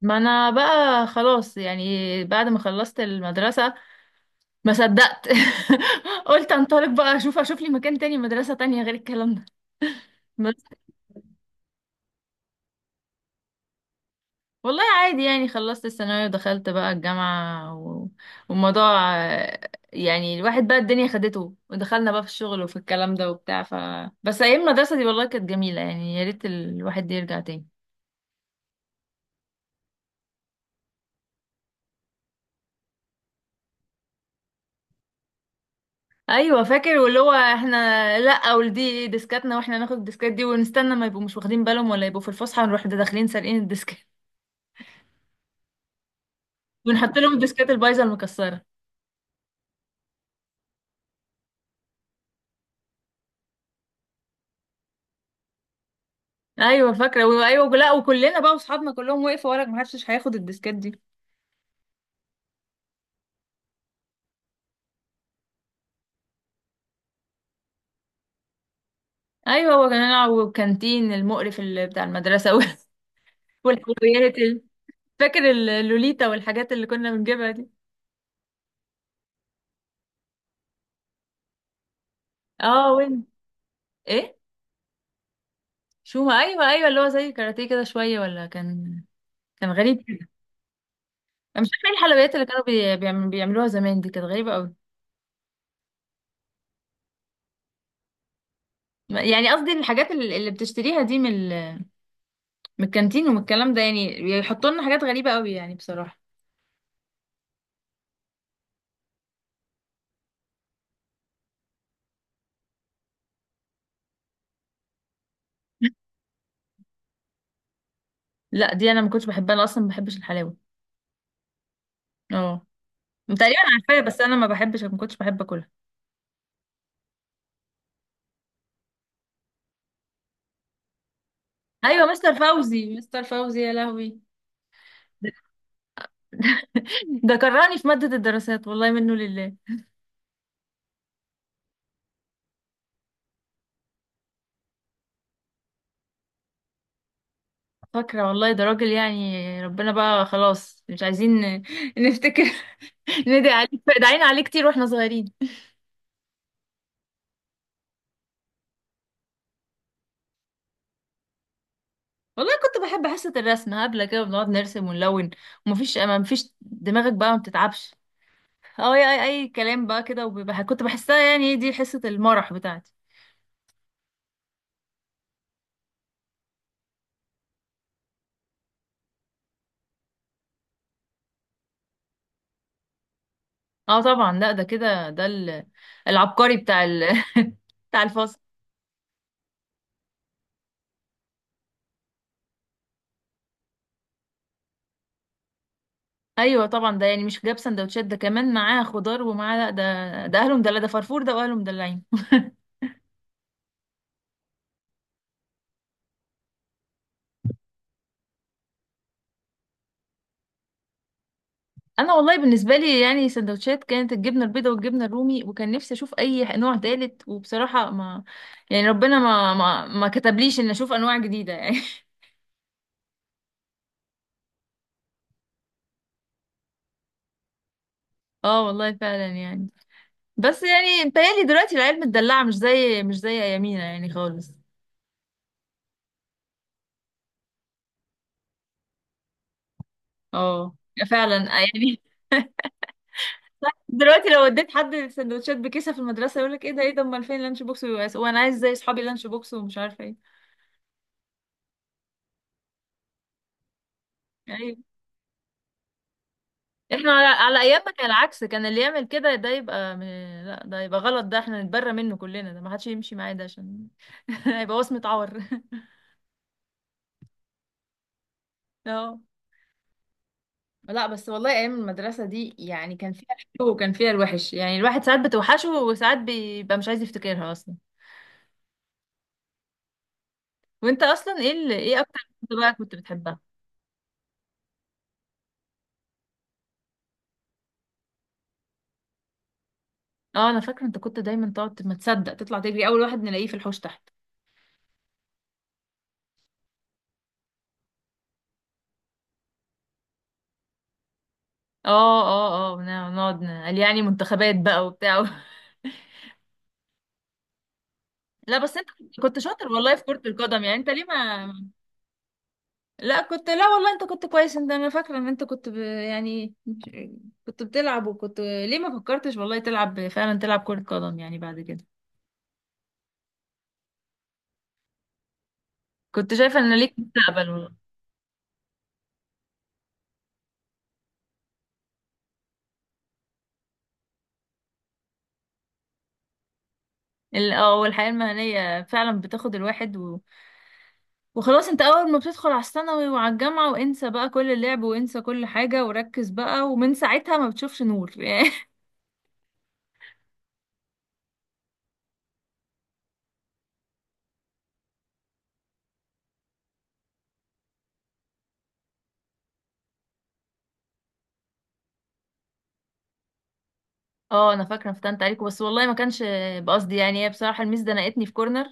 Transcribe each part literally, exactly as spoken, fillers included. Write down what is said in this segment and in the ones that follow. ما انا بقى خلاص، يعني بعد ما خلصت المدرسة، ما صدقت. قلت انطلق بقى، اشوف اشوف لي مكان تاني، مدرسة تانية غير الكلام ده بس. والله عادي يعني، خلصت الثانوية ودخلت بقى الجامعة و... والموضوع، آه، يعني الواحد بقى الدنيا خدته، ودخلنا بقى في الشغل وفي الكلام ده وبتاع، ف بس ايام المدرسة دي والله كانت جميلة، يعني يا ريت الواحد يرجع تاني. ايوه فاكر، واللي هو احنا، لا ودي ديسكاتنا، واحنا ناخد الديسكات دي ونستنى ما يبقوا مش واخدين بالهم، ولا يبقوا في الفسحه نروح داخلين سارقين الديسكات، ونحط لهم الديسكات البايظه المكسره. ايوه فاكره، و- ايوه، لا وكلنا بقى واصحابنا كلهم وقفوا وراك، ما حدش هياخد الديسكات دي. ايوه، هو كان نلعب، والكانتين المقرف اللي بتاع المدرسه وال- والحلويات ال- فاكر ال- اللوليتا والحاجات اللي كنا بنجيبها دي. اه، وين. ايه؟ شو ما، ايوه ايوه، اللي هو زي كاراتيه كده شويه، ولا كان، كان غريب. مش فاكره إيه الحلويات اللي كانوا بي- بيعم- بيعملوها زمان، دي كانت غريبه قوي. يعني قصدي الحاجات ال- اللي بتشتريها دي، من ال- من الكانتين ومن الكلام ده، يعني بيحطوا لنا حاجات غريبه قوي يعني بصراحه. لا دي انا ما كنتش بحبها، انا اصلا ما بحبش الحلاوه. اه، تقريبا عارفاها بس انا ما بحبش، ما كنتش بحب اكلها. ايوه مستر فوزي، مستر فوزي يا لهوي. ده كرهني في ماده الدراسات، والله منه لله. فاكره والله، ده راجل يعني ربنا بقى، خلاص مش عايزين ن- نفتكر. ندعي عليه، دعينا عليه كتير واحنا صغيرين. والله كنت بحب حصة الرسم، هبلة كده بنقعد نرسم ونلون، ومفيش، ما مفيش دماغك بقى ما بتتعبش. اه، اي اي أي كلام بقى كده، وبيبقى كنت بحسها يعني دي حصة المرح بتاعتي. اه طبعا، لا ده كده، ده ال- العبقري بتاع ال... بتاع الفصل. ايوه طبعا، ده يعني مش جاب سندوتشات، ده كمان معاه خضار ومعاه، لا ده ده اهله مدلع، ده فرفور ده واهله مدلعين. انا والله بالنسبه لي يعني سندوتشات، كانت الجبنه البيضاء والجبنه الرومي، وكان نفسي اشوف اي نوع تالت، وبصراحه ما، يعني ربنا ما ما ما كتبليش ان اشوف انواع جديده يعني. اه والله فعلا يعني. بس يعني متهيألي دلوقتي العيال متدلعه، مش زي مش زي ايامينا يعني خالص. اه فعلا، آه، يعني. دلوقتي لو اديت حد سندوتشات بكيسه في المدرسه، يقول لك ايه ده، ايه ده، امال فين اللانش بوكس، وانا عايز زي اصحابي لانش بوكس ومش عارفه ايه. يعني احنا على, على, ايامنا كان العكس، كان اللي يعمل كده ده يبقى م... لا، ده يبقى غلط، ده احنا نتبرى منه كلنا، ده ما حدش يمشي معاه، ده عشان هيبقى وصمة عار. اه، لا بس والله ايام المدرسه دي يعني كان فيها الحلو وكان فيها الوحش، يعني الواحد ساعات بتوحشه وساعات بيبقى مش عايز يفتكرها اصلا. وانت اصلا ايه اللي ايه اكتر كنت بقى كنت بتحبها؟ اه انا فاكره، انت كنت دايما تقعد ما تصدق تطلع تجري، اول واحد نلاقيه في الحوش تحت. اه اه اه نقعد نقعد نقول يعني منتخبات بقى وبتاع. لا بس انت كنت شاطر والله في كرة القدم، يعني انت ليه ما، لا كنت لا والله انت كنت كويس انت، انا فاكرة ان انت كنت ب... يعني كنت بتلعب، وكنت ليه ما فكرتش والله تلعب فعلا، تلعب كرة قدم يعني بعد كده؟ كنت شايفة ان ليك مستقبل والله. ال- اه والحياة المهنية فعلا بتاخد الواحد و... وخلاص، انت اول ما بتدخل على الثانوي وعلى الجامعة، وانسى بقى كل اللعب، وانسى كل حاجة وركز بقى، ومن ساعتها ما بتشوفش نور. اه انا فاكره، فتنت عليكم بس والله ما كانش بقصدي يعني، هي بصراحه الميس زنقتني في كورنر،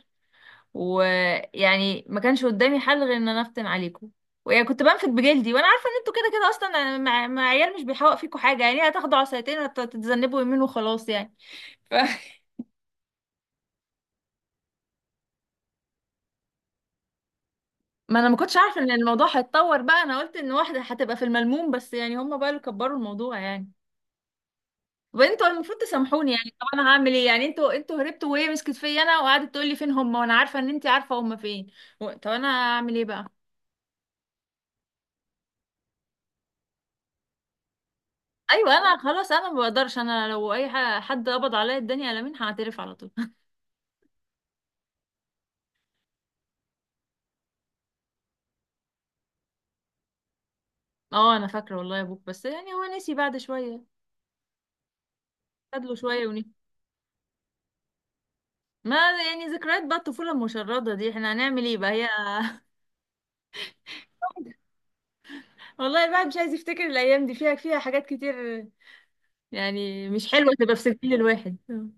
ويعني ما كانش قدامي حل غير ان انا افتن عليكم، ويعني كنت بنفد بجلدي، وانا عارفه ان انتوا كده كده اصلا يعني، مع, مع, عيال مش بيحوق فيكم حاجه، يعني هتاخدوا عصايتين وتتذنبوا يمين وخلاص يعني. ف... ما انا ما كنتش عارفه ان الموضوع هيتطور بقى، انا قلت ان واحده هتبقى في الملموم بس، يعني هم بقى اللي كبروا الموضوع يعني. طب انتوا المفروض تسامحوني يعني، طب انا هعمل ايه يعني، انتوا انتوا هربتوا وهي مسكت فيا انا، وقعدت تقول لي فين هم، وانا عارفه ان انت عارفه هم فين. و- طب انا هعمل ايه بقى؟ ايوه انا خلاص، انا ما بقدرش، انا لو اي ح- حد قبض عليا الدنيا على مين، هعترف على طول. اه انا فاكره والله يا ابوك، بس يعني هو نسي بعد شويه، خد له شويه ونسي. ما يعني ذكريات بقى، الطفوله المشرده دي احنا هنعمل ايه بقى هي. والله الواحد مش عايز يفتكر الايام دي، فيها فيها حاجات كتير يعني مش حلوه تبقى في سجل الواحد أه،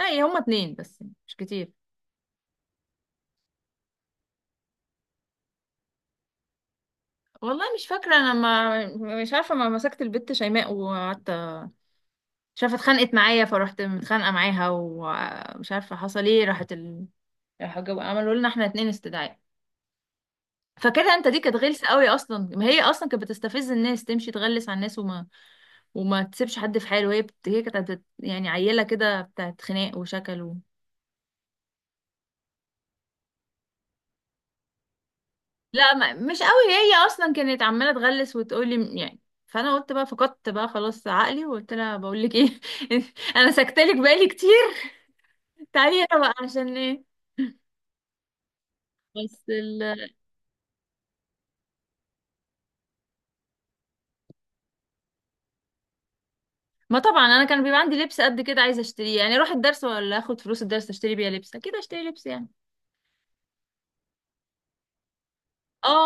اي، هما اتنين بس مش كتير. والله مش فاكرة، أنا ما، مش عارفة، ما مسكت البت شيماء وقعدت، مش عارفة اتخانقت معايا، فرحت متخانقة معاها، ومش عارفة حصل ايه، راحت ال... راحوا جو- عملوا لنا احنا اتنين استدعاء. فكده انت دي كانت غلسة قوي اصلا، ما هي اصلا كانت بتستفز الناس، تمشي تغلس على الناس، وما، وما تسيبش حد في حاله، هي بت... هي كانت بت... يعني عيلة كده بتاعت خناق وشكل و... لا ما... مش قوي، هي اصلا كانت عمالة تغلس وتقولي م- يعني. فانا قلت بقى، فقدت بقى خلاص عقلي، وقلت لها بقول لك ايه، انا سكتلك بالي كتير، تعيرة بقى عشان ايه؟ بس ال... ما طبعا انا كان بيبقى عندي لبس قد كده عايزه اشتريه، يعني اروح الدرس، ولا اخد فلوس الدرس اشتري بيها لبس، اكيد اشتري لبس يعني. اه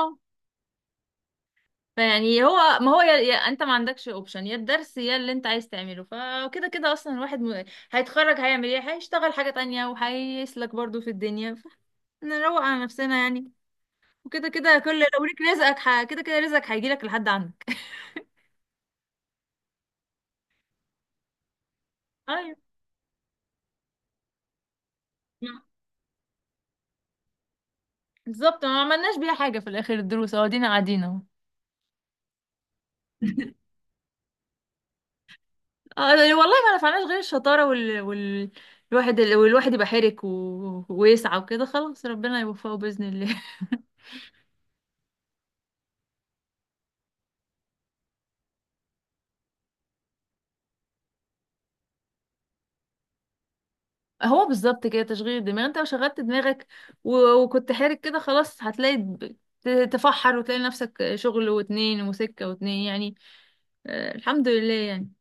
فيعني هو، ما هو يا... يا... انت ما عندكش اوبشن، يا الدرس يا اللي انت عايز تعمله، فكده كده اصلا الواحد م... هيتخرج هيعمل ايه؟ هيشتغل حاجه تانية وهيسلك برضو في الدنيا، فنروق على نفسنا يعني. وكده كده كل لو ليك رزقك ح... كده كده رزقك هيجيلك لحد عندك. ايوه بالظبط، ما عملناش بيها حاجه في الاخر، الدروس اهو قاعدين قاعدين اهو. اه ده- والله ما نفعناش غير الشطارة وال... وال... الواحد والواحد يبقى حرك و... ويسعى وكده، خلاص ربنا يوفقه بإذن الله. هو بالظبط كده تشغيل الدماغ، انت لو شغلت دماغك و... وكنت حرك كده، خلاص هتلاقي ب- ت- تفحر وتلاقي نفسك شغل واتنين وسكة واتنين يعني. آه الحمد لله يعني.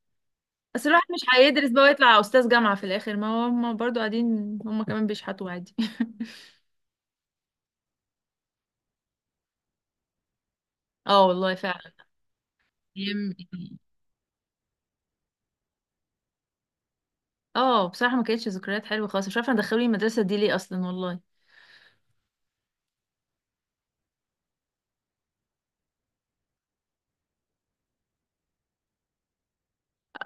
بس الواحد مش هيدرس بقى ويطلع أستاذ جامعة في الآخر، ما هم برضو قاعدين، هم كمان بيشحتوا عادي. اه والله فعلا. اه بصراحة ما كانتش ذكريات حلوة خالص، مش عارفة دخلوني المدرسة دي ليه اصلا والله.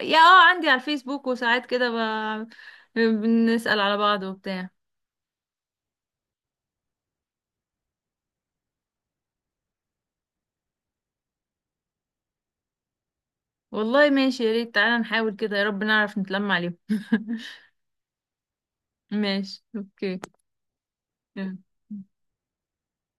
يا اه عندي على الفيسبوك وساعات كده ب... بنسأل على بعض وبتاع. والله ماشي، يا ريت، تعالى نحاول كده، يا رب نعرف نتلم عليهم. ماشي اوكي، يلا.